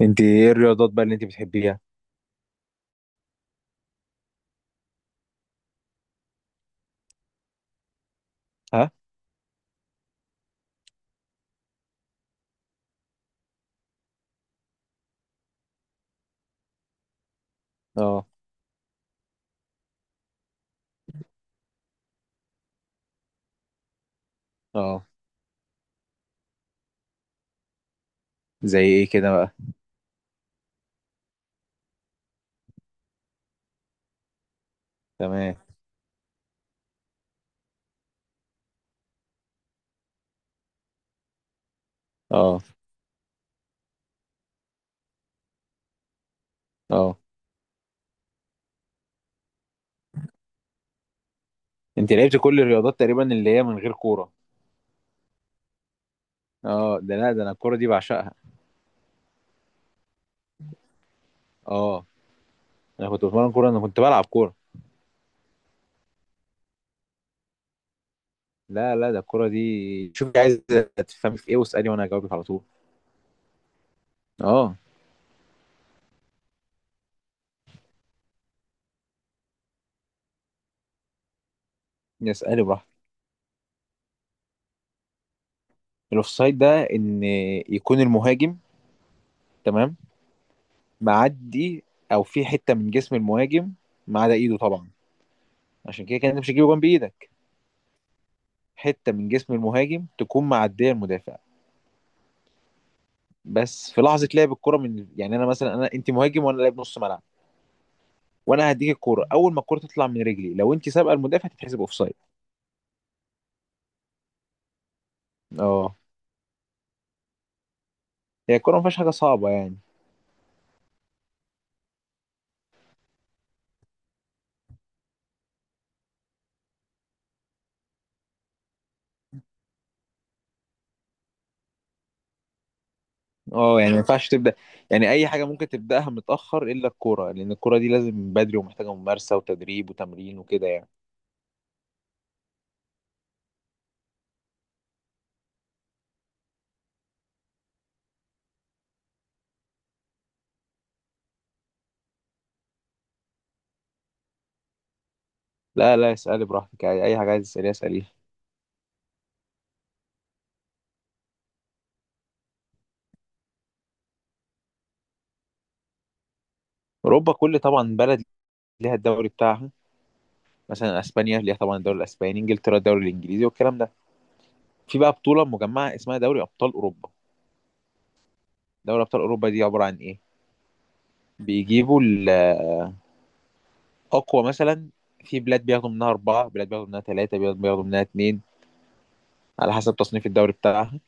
انت ايه الرياضات بقى اللي انت بتحبيها؟ ها. اه. اه. زي ايه كده بقى؟ تمام. اه. اه. انت لعبت كل الرياضات تقريبا اللي هي من غير كوره. اه، ده لا ده انا الكوره دي بعشقها. اه. انا كنت بتمرن كوره، انا كنت بلعب كوره. لا لا، ده الكوره دي شوفي، عايز تفهمي في ايه واسالي وانا هجاوبك على طول. اه. اسالي براحتك. الاوفسايد ده ان يكون المهاجم، تمام، معدي، او في حته من جسم المهاجم، ما عدا ايده طبعا. عشان كده كان انت مش هيجيبوا جنب ايدك. حته من جسم المهاجم تكون معديه المدافع. بس في لحظه لعب الكره من، يعني انا مثلا، انا انت مهاجم وانا لاعب نص ملعب، وانا هديك الكوره. اول ما الكوره تطلع من رجلي لو انت سابقه المدافع تتحسب اوفسايد. اه. هي الكوره ما فيهاش حاجه صعبه يعني. اه يعني ما ينفعش تبدا، يعني اي حاجه ممكن تبداها متاخر الا الكوره، لان الكوره دي لازم من بدري ومحتاجه ممارسه وتدريب وتمرين وكده يعني. لا لا، اسالي براحتك عادي. اي حاجه عايز تساليها اساليها. اوروبا كل طبعا بلد ليها الدوري بتاعها. مثلا اسبانيا ليها طبعا الدوري الاسباني، انجلترا الدوري الانجليزي والكلام ده. في بقى بطولة مجمعة اسمها دوري أبطال أوروبا. دوري أبطال أوروبا دي عبارة عن إيه؟ بيجيبوا الأقوى. مثلا في بلاد بياخدوا منها أربعة، بلاد بياخدوا منها ثلاثة، بلاد بياخدوا منها اتنين، على حسب تصنيف الدوري بتاعها،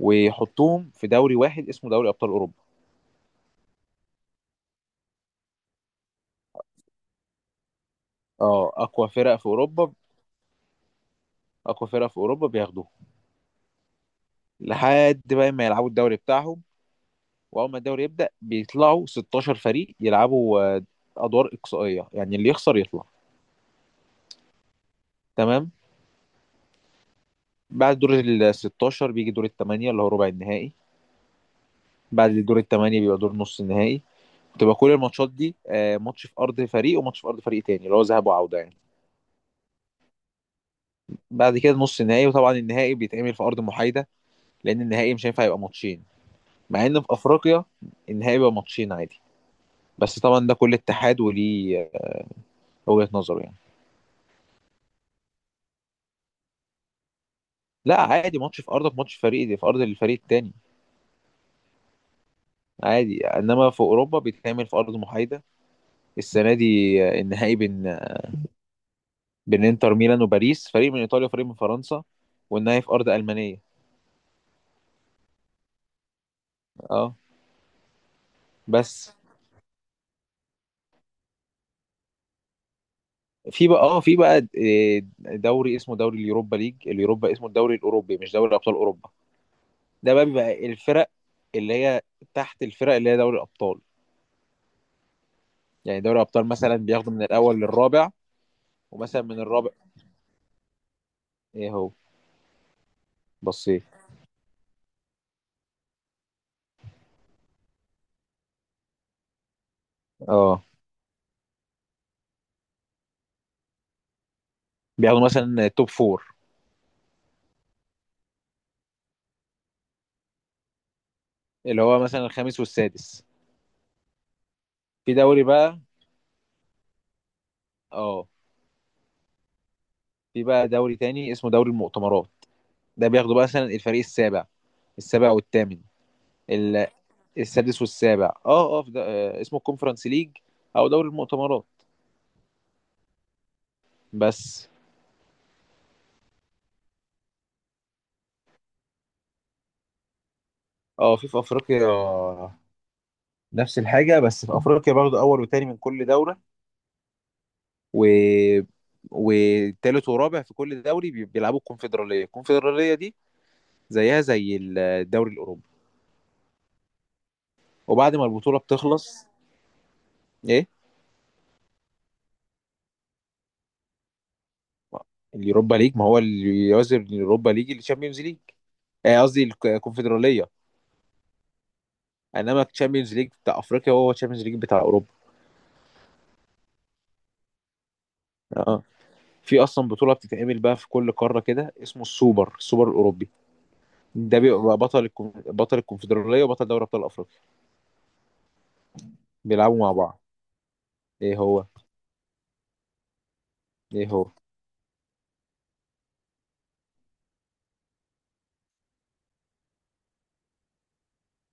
ويحطوهم في دوري واحد اسمه دوري أبطال أوروبا. اه، أقوى فرق في أوروبا. أقوى فرق في أوروبا بياخدوهم لحد بقى ما يلعبوا الدوري بتاعهم. وأول ما الدوري يبدأ بيطلعوا 16 فريق يلعبوا أدوار إقصائية، يعني اللي يخسر يطلع. تمام. بعد دور ال 16 بيجي دور الثمانية، اللي هو ربع النهائي. بعد الدور الثمانية بيبقى دور نص النهائي. بتبقى كل الماتشات دي ماتش في ارض فريق وماتش في ارض فريق تاني، اللي هو ذهاب وعودة يعني. بعد كده نص النهائي، وطبعا النهائي بيتعمل في ارض محايدة، لان النهائي مش هينفع يبقى ماتشين. مع ان في افريقيا النهائي بيبقى ماتشين عادي، بس طبعا ده كل اتحاد وليه وجهة نظره يعني. لا عادي، ماتش في ارضك ماتش في فريق دي في ارض الفريق التاني، عادي. انما في اوروبا بيتعمل في ارض محايده. السنه دي النهائي بين بين انتر ميلان وباريس، فريق من ايطاليا وفريق من فرنسا، والنهائي في ارض المانيه. اه. بس في بقى دوري اسمه دوري اليوروبا ليج، اليوروبا اسمه الدوري الاوروبي، مش دوري ابطال اوروبا. ده بقى بيبقى الفرق اللي هي تحت الفرق اللي هي دوري الابطال. يعني دوري الابطال مثلا بياخدوا من الاول للرابع، ومثلا من الرابع. ايه هو بصيت. اه، بياخدوا مثلا توب فور، اللي هو مثلا الخامس والسادس. في دوري بقى، اه، في بقى دوري تاني اسمه دوري المؤتمرات. ده بياخدوا بقى مثلا الفريق السابع، السابع والثامن، السادس والسابع. اه اه، في ده آه، اسمه الكونفرنس ليج او دوري المؤتمرات. بس. اه، في افريقيا نفس الحاجه، بس في افريقيا برضه اول وتاني من كل دوره، و وتالت ورابع في كل دوري بيلعبوا الكونفدراليه. الكونفدراليه دي زيها زي الدوري الاوروبي. وبعد ما البطوله بتخلص. ايه؟ اليوروبا ليج ما هو اللي يعزل اليوروبا ليج الشامبيونز ليج. قصدي الكونفدراليه. انما الشامبيونز ليج بتاع افريقيا هو الشامبيونز ليج بتاع اوروبا. اه. آه. في اصلا بطوله بتتعمل بقى في كل قاره كده، اسمه السوبر، السوبر الاوروبي. ده بيبقى بطل بطل الكونفدراليه وبطل دوري ابطال افريقيا بيلعبوا مع بعض. ايه هو؟ ايه هو؟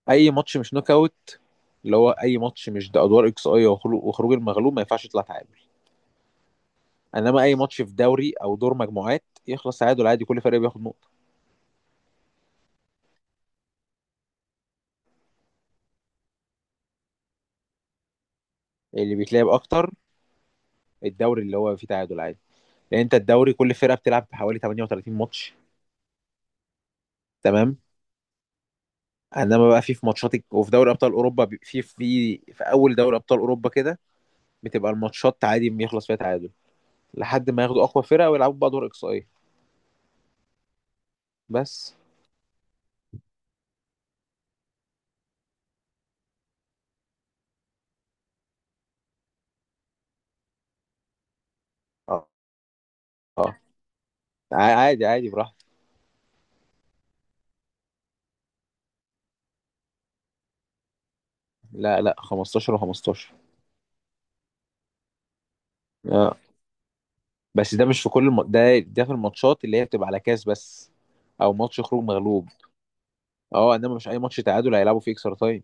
اي ماتش مش نوك اوت، اللي هو اي ماتش مش ده، ادوار اكس اي وخروج المغلوب، ما ينفعش يطلع تعادل. انما اي ماتش في دوري او دور مجموعات يخلص تعادل عادي، كل فريق بياخد نقطه. اللي بيتلعب اكتر الدوري، اللي هو فيه تعادل عادي، لان انت الدوري كل فرقه بتلعب حوالي 38 ماتش. تمام. انما بقى في وفي دوري ابطال اوروبا في اول دوري ابطال اوروبا كده بتبقى الماتشات عادي بيخلص فيها تعادل، لحد ما ياخدوا اقوى فرقه ويلعبوا بقى دور اقصائي. بس. اه. اه. عادي عادي براحتك. لا لا، 15 و15. اه. بس ده مش في ده ده في الماتشات اللي هي بتبقى على كاس بس، او ماتش خروج مغلوب. اه، انما مش اي ماتش تعادل هيلعبوا فيه اكسترا تايم.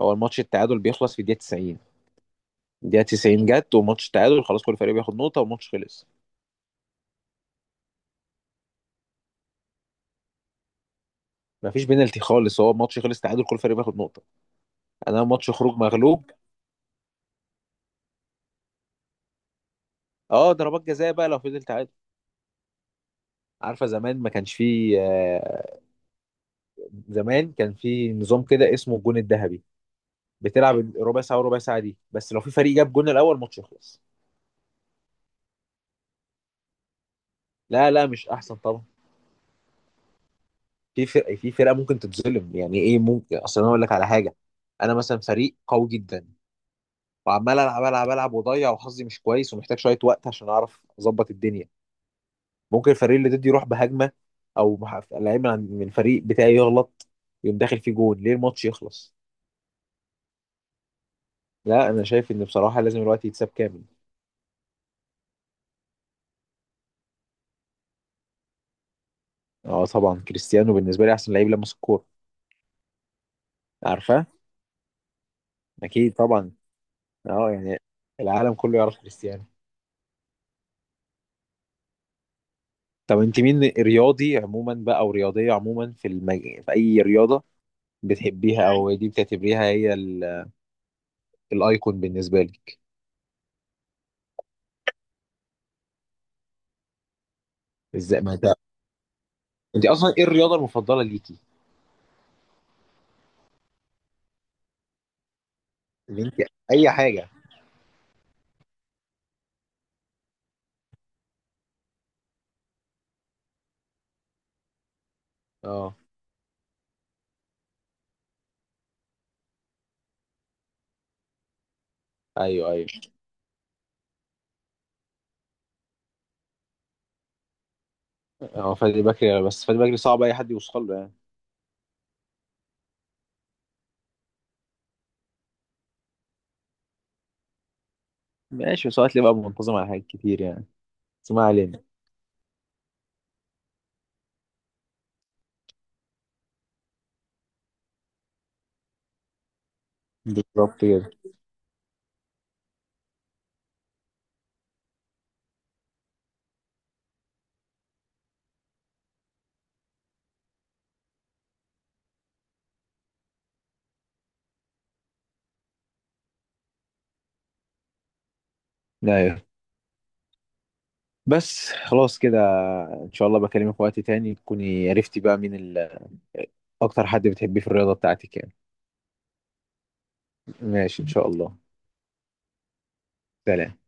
هو الماتش التعادل بيخلص في الدقيقه 90. الدقيقه 90 جت وماتش التعادل، خلاص كل فريق بياخد نقطه والماتش خلص. ما فيش بينالتي خالص، هو الماتش خلص تعادل، كل فريق بياخد نقطه. انا ماتش خروج مغلوب. اه، ضربات جزاء بقى لو فضل تعادل. عارفه، زمان ما كانش فيه زمان كان فيه نظام كده اسمه الجون الذهبي. بتلعب ربع ساعه وربع ساعه دي، بس لو في فريق جاب جون الاول ماتش يخلص. لا لا، مش احسن طبعا. في فرق، في فرقه ممكن تتظلم. يعني ايه ممكن، اصل انا اقول لك على حاجه. انا مثلا فريق قوي جدا، وعمال العب العب العب واضيع، وحظي مش كويس، ومحتاج شويه وقت عشان اعرف اظبط الدنيا. ممكن الفريق اللي ضدي يروح بهجمه، او لعيب من الفريق بتاعي يغلط، يقوم داخل فيه جول، ليه الماتش يخلص؟ لا انا شايف ان بصراحه لازم الوقت يتساب كامل. اه طبعا، كريستيانو بالنسبه لي احسن لعيب لمس الكوره. عارفه؟ اكيد طبعا. اه يعني العالم كله يعرف كريستيانو. طب انت مين رياضي عموما بقى، او رياضيه عموما، في في اي رياضه بتحبيها، او دي بتعتبريها هي الايكون بالنسبه لك؟ ازاي ما انت، انت اصلا ايه الرياضه المفضله ليكي؟ اللي انت، اي حاجه. اه. ايوه ايوه. اه، فادي بكري، بس فادي بكري صعب اي حد يوصل له يعني. ماشي، بس هو هتلاقيه بقى منتظم على حاجات كتير يعني. بس ما علينا. بالظبط كده. ايوه. بس خلاص كده، ان شاء الله بكلمك في وقت تاني تكوني عرفتي بقى مين اكتر حد بتحبيه في الرياضة بتاعتك يعني. ماشي ان شاء الله. سلام.